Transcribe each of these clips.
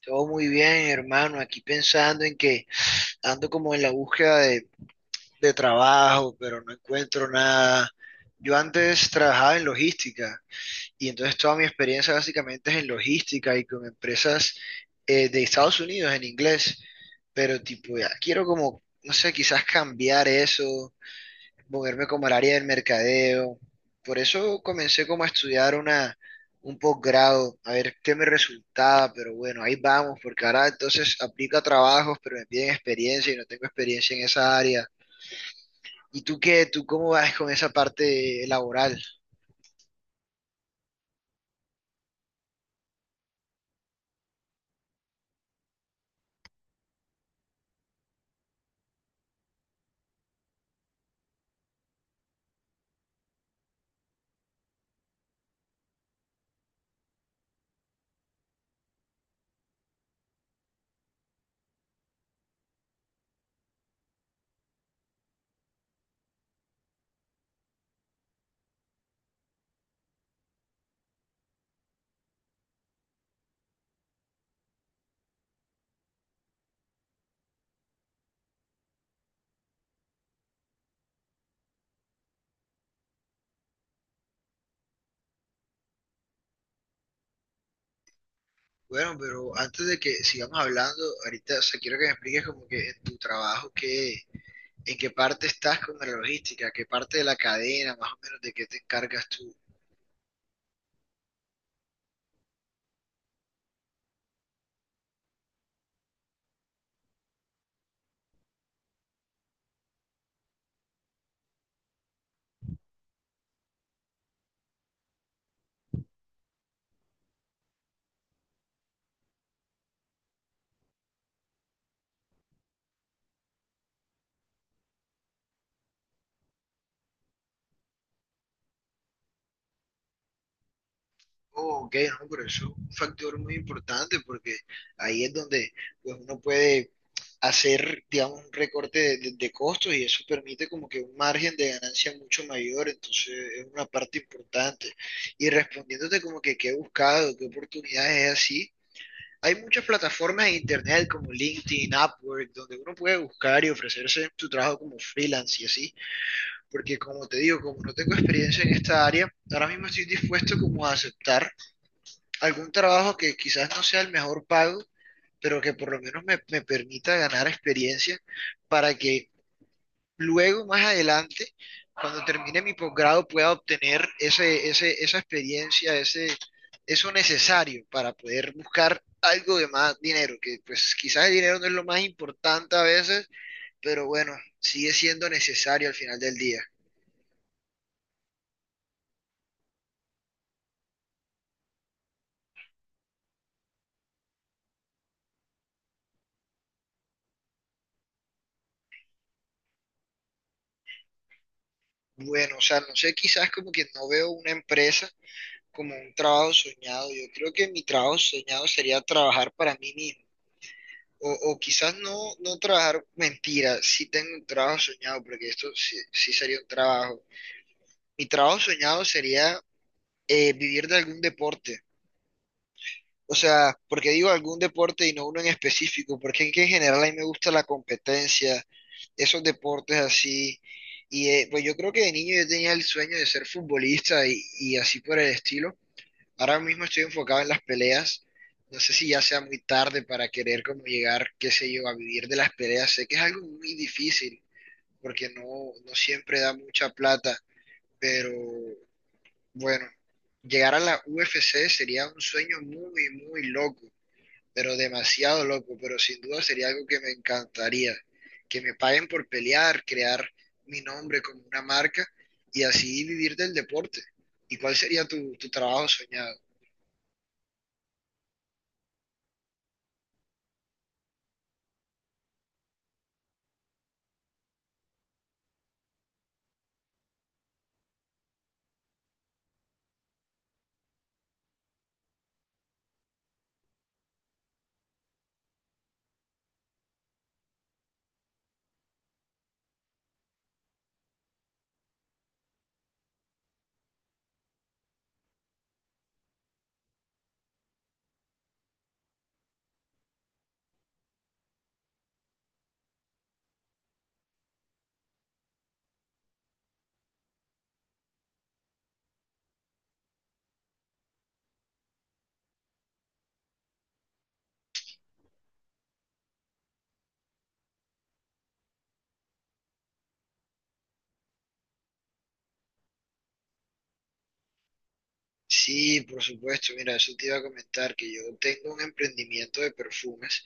Todo muy bien, hermano. Aquí pensando en que ando como en la búsqueda de trabajo, pero no encuentro nada. Yo antes trabajaba en logística y entonces toda mi experiencia básicamente es en logística y con empresas de Estados Unidos en inglés, pero tipo ya quiero como, no sé, quizás cambiar eso, moverme como al área del mercadeo. Por eso comencé como a estudiar un posgrado, a ver qué me resultaba, pero bueno, ahí vamos, porque ahora entonces aplico a trabajos, pero me piden experiencia y no tengo experiencia en esa área. ¿Y tú qué? ¿Tú cómo vas con esa parte laboral? Bueno, pero antes de que sigamos hablando, ahorita, o sea, quiero que me expliques como que en tu trabajo, qué, en qué parte estás con la logística, qué parte de la cadena, más o menos, de qué te encargas tú. Oh, ok, no, pero eso es un factor muy importante porque ahí es donde pues, uno puede hacer, digamos, un recorte de, de costos y eso permite como que un margen de ganancia mucho mayor, entonces es una parte importante. Y respondiéndote como que qué he buscado, qué oportunidades es así, hay muchas plataformas de internet como LinkedIn, Upwork, donde uno puede buscar y ofrecerse su trabajo como freelance y así, porque como te digo, como no tengo experiencia en esta área, ahora mismo estoy dispuesto como a aceptar algún trabajo que quizás no sea el mejor pago, pero que por lo menos me permita ganar experiencia para que luego, más adelante, cuando termine mi posgrado, pueda obtener esa experiencia, ese, eso necesario para poder buscar algo de más dinero, que pues quizás el dinero no es lo más importante a veces, pero bueno, sigue siendo necesario al final del día. Bueno, o sea, no sé, quizás como que no veo una empresa como un trabajo soñado. Yo creo que mi trabajo soñado sería trabajar para mí mismo. O quizás no, no trabajar, mentira, sí tengo un trabajo soñado, porque esto sí, sí sería un trabajo. Mi trabajo soñado sería vivir de algún deporte. O sea, porque digo algún deporte y no uno en específico, porque es que en general a mí me gusta la competencia, esos deportes así. Y pues yo creo que de niño yo tenía el sueño de ser futbolista y así por el estilo. Ahora mismo estoy enfocado en las peleas. No sé si ya sea muy tarde para querer como llegar, qué sé yo, a vivir de las peleas. Sé que es algo muy difícil porque no, no siempre da mucha plata, pero bueno, llegar a la UFC sería un sueño muy, muy loco, pero demasiado loco, pero sin duda sería algo que me encantaría. Que me paguen por pelear, crear mi nombre como una marca y así vivir del deporte. ¿Y cuál sería tu, tu trabajo soñado? Sí, por supuesto. Mira, eso te iba a comentar, que yo tengo un emprendimiento de perfumes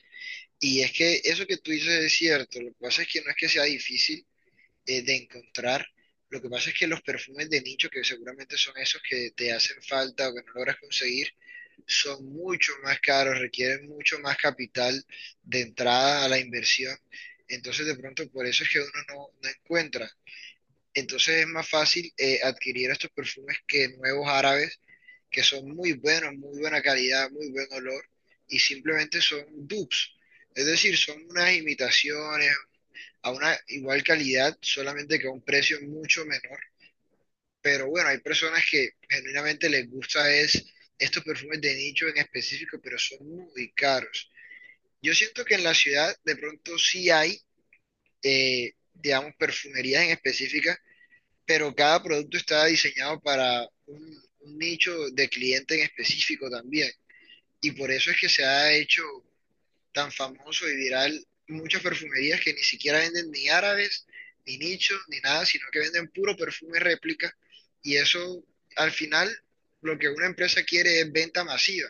y es que eso que tú dices es cierto. Lo que pasa es que no es que sea difícil de encontrar. Lo que pasa es que los perfumes de nicho, que seguramente son esos que te hacen falta o que no logras conseguir, son mucho más caros, requieren mucho más capital de entrada a la inversión. Entonces, de pronto, por eso es que uno no, no encuentra. Entonces, es más fácil adquirir estos perfumes que nuevos árabes que son muy buenos, muy buena calidad, muy buen olor, y simplemente son dupes. Es decir, son unas imitaciones a una igual calidad, solamente que a un precio mucho menor. Pero bueno, hay personas que genuinamente les gusta es estos perfumes de nicho en específico, pero son muy caros. Yo siento que en la ciudad de pronto sí hay, digamos, perfumerías en específica, pero cada producto está diseñado para un nicho de cliente en específico también. Y por eso es que se ha hecho tan famoso y viral muchas perfumerías que ni siquiera venden ni árabes, ni nichos, ni nada, sino que venden puro perfume réplica y eso al final lo que una empresa quiere es venta masiva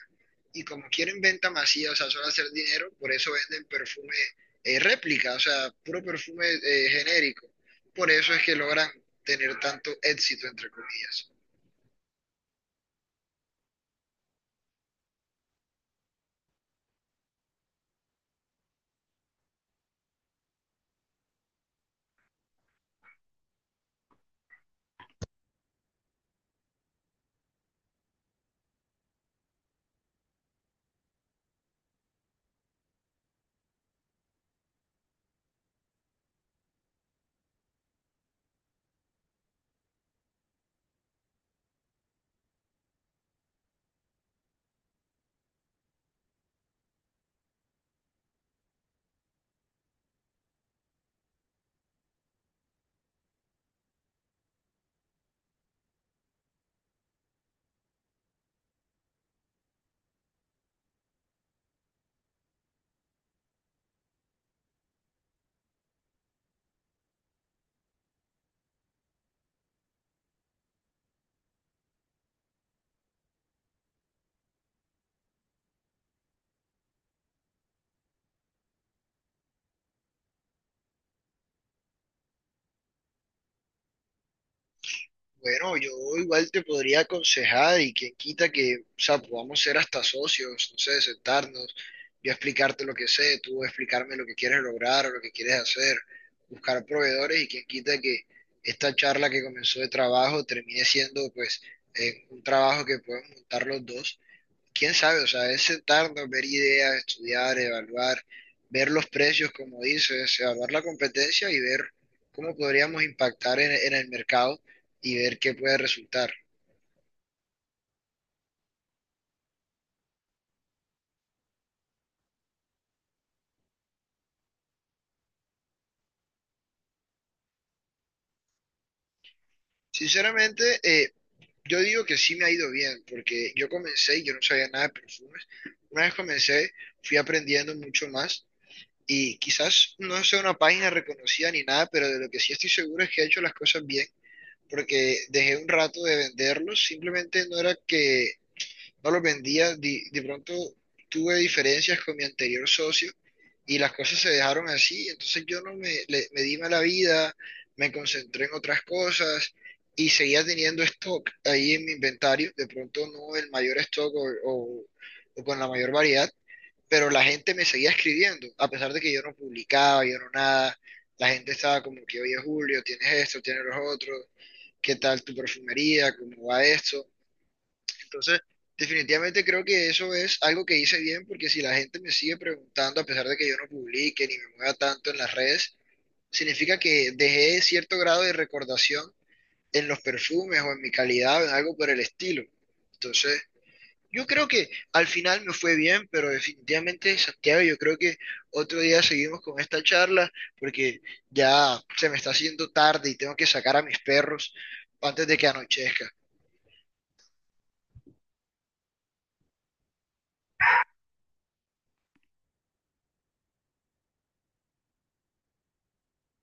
y como quieren venta masiva, o sea, solo hacer dinero, por eso venden perfume réplica, o sea, puro perfume genérico. Por eso es que logran tener tanto éxito, entre comillas. Bueno, yo igual te podría aconsejar y quien quita que, o sea, podamos ser hasta socios, no sé, sentarnos, yo explicarte lo que sé, tú explicarme lo que quieres lograr o lo que quieres hacer, buscar proveedores y quien quita que esta charla que comenzó de trabajo termine siendo pues un trabajo que podemos montar los dos, quién sabe, o sea, es sentarnos, ver ideas, estudiar, evaluar, ver los precios, como dices, evaluar la competencia y ver cómo podríamos impactar en el mercado y ver qué puede resultar. Sinceramente, yo digo que sí me ha ido bien, porque yo comencé y yo no sabía nada de perfumes. Una vez comencé, fui aprendiendo mucho más y quizás no sea una página reconocida ni nada, pero de lo que sí estoy seguro es que he hecho las cosas bien, porque dejé un rato de venderlos, simplemente no era que no los vendía. De pronto tuve diferencias con mi anterior socio y las cosas se dejaron así. Entonces yo no me, me di mala vida, me concentré en otras cosas y seguía teniendo stock ahí en mi inventario. De pronto no el mayor stock o con la mayor variedad, pero la gente me seguía escribiendo, a pesar de que yo no publicaba, yo no nada. La gente estaba como que, oye Julio, tienes esto, tienes los otros, ¿qué tal tu perfumería? ¿Cómo va esto? Entonces, definitivamente creo que eso es algo que hice bien porque si la gente me sigue preguntando, a pesar de que yo no publique ni me mueva tanto en las redes, significa que dejé cierto grado de recordación en los perfumes o en mi calidad o en algo por el estilo. Entonces, yo creo que al final me fue bien, pero definitivamente, Santiago, yo creo que otro día seguimos con esta charla porque ya se me está haciendo tarde y tengo que sacar a mis perros antes de que anochezca.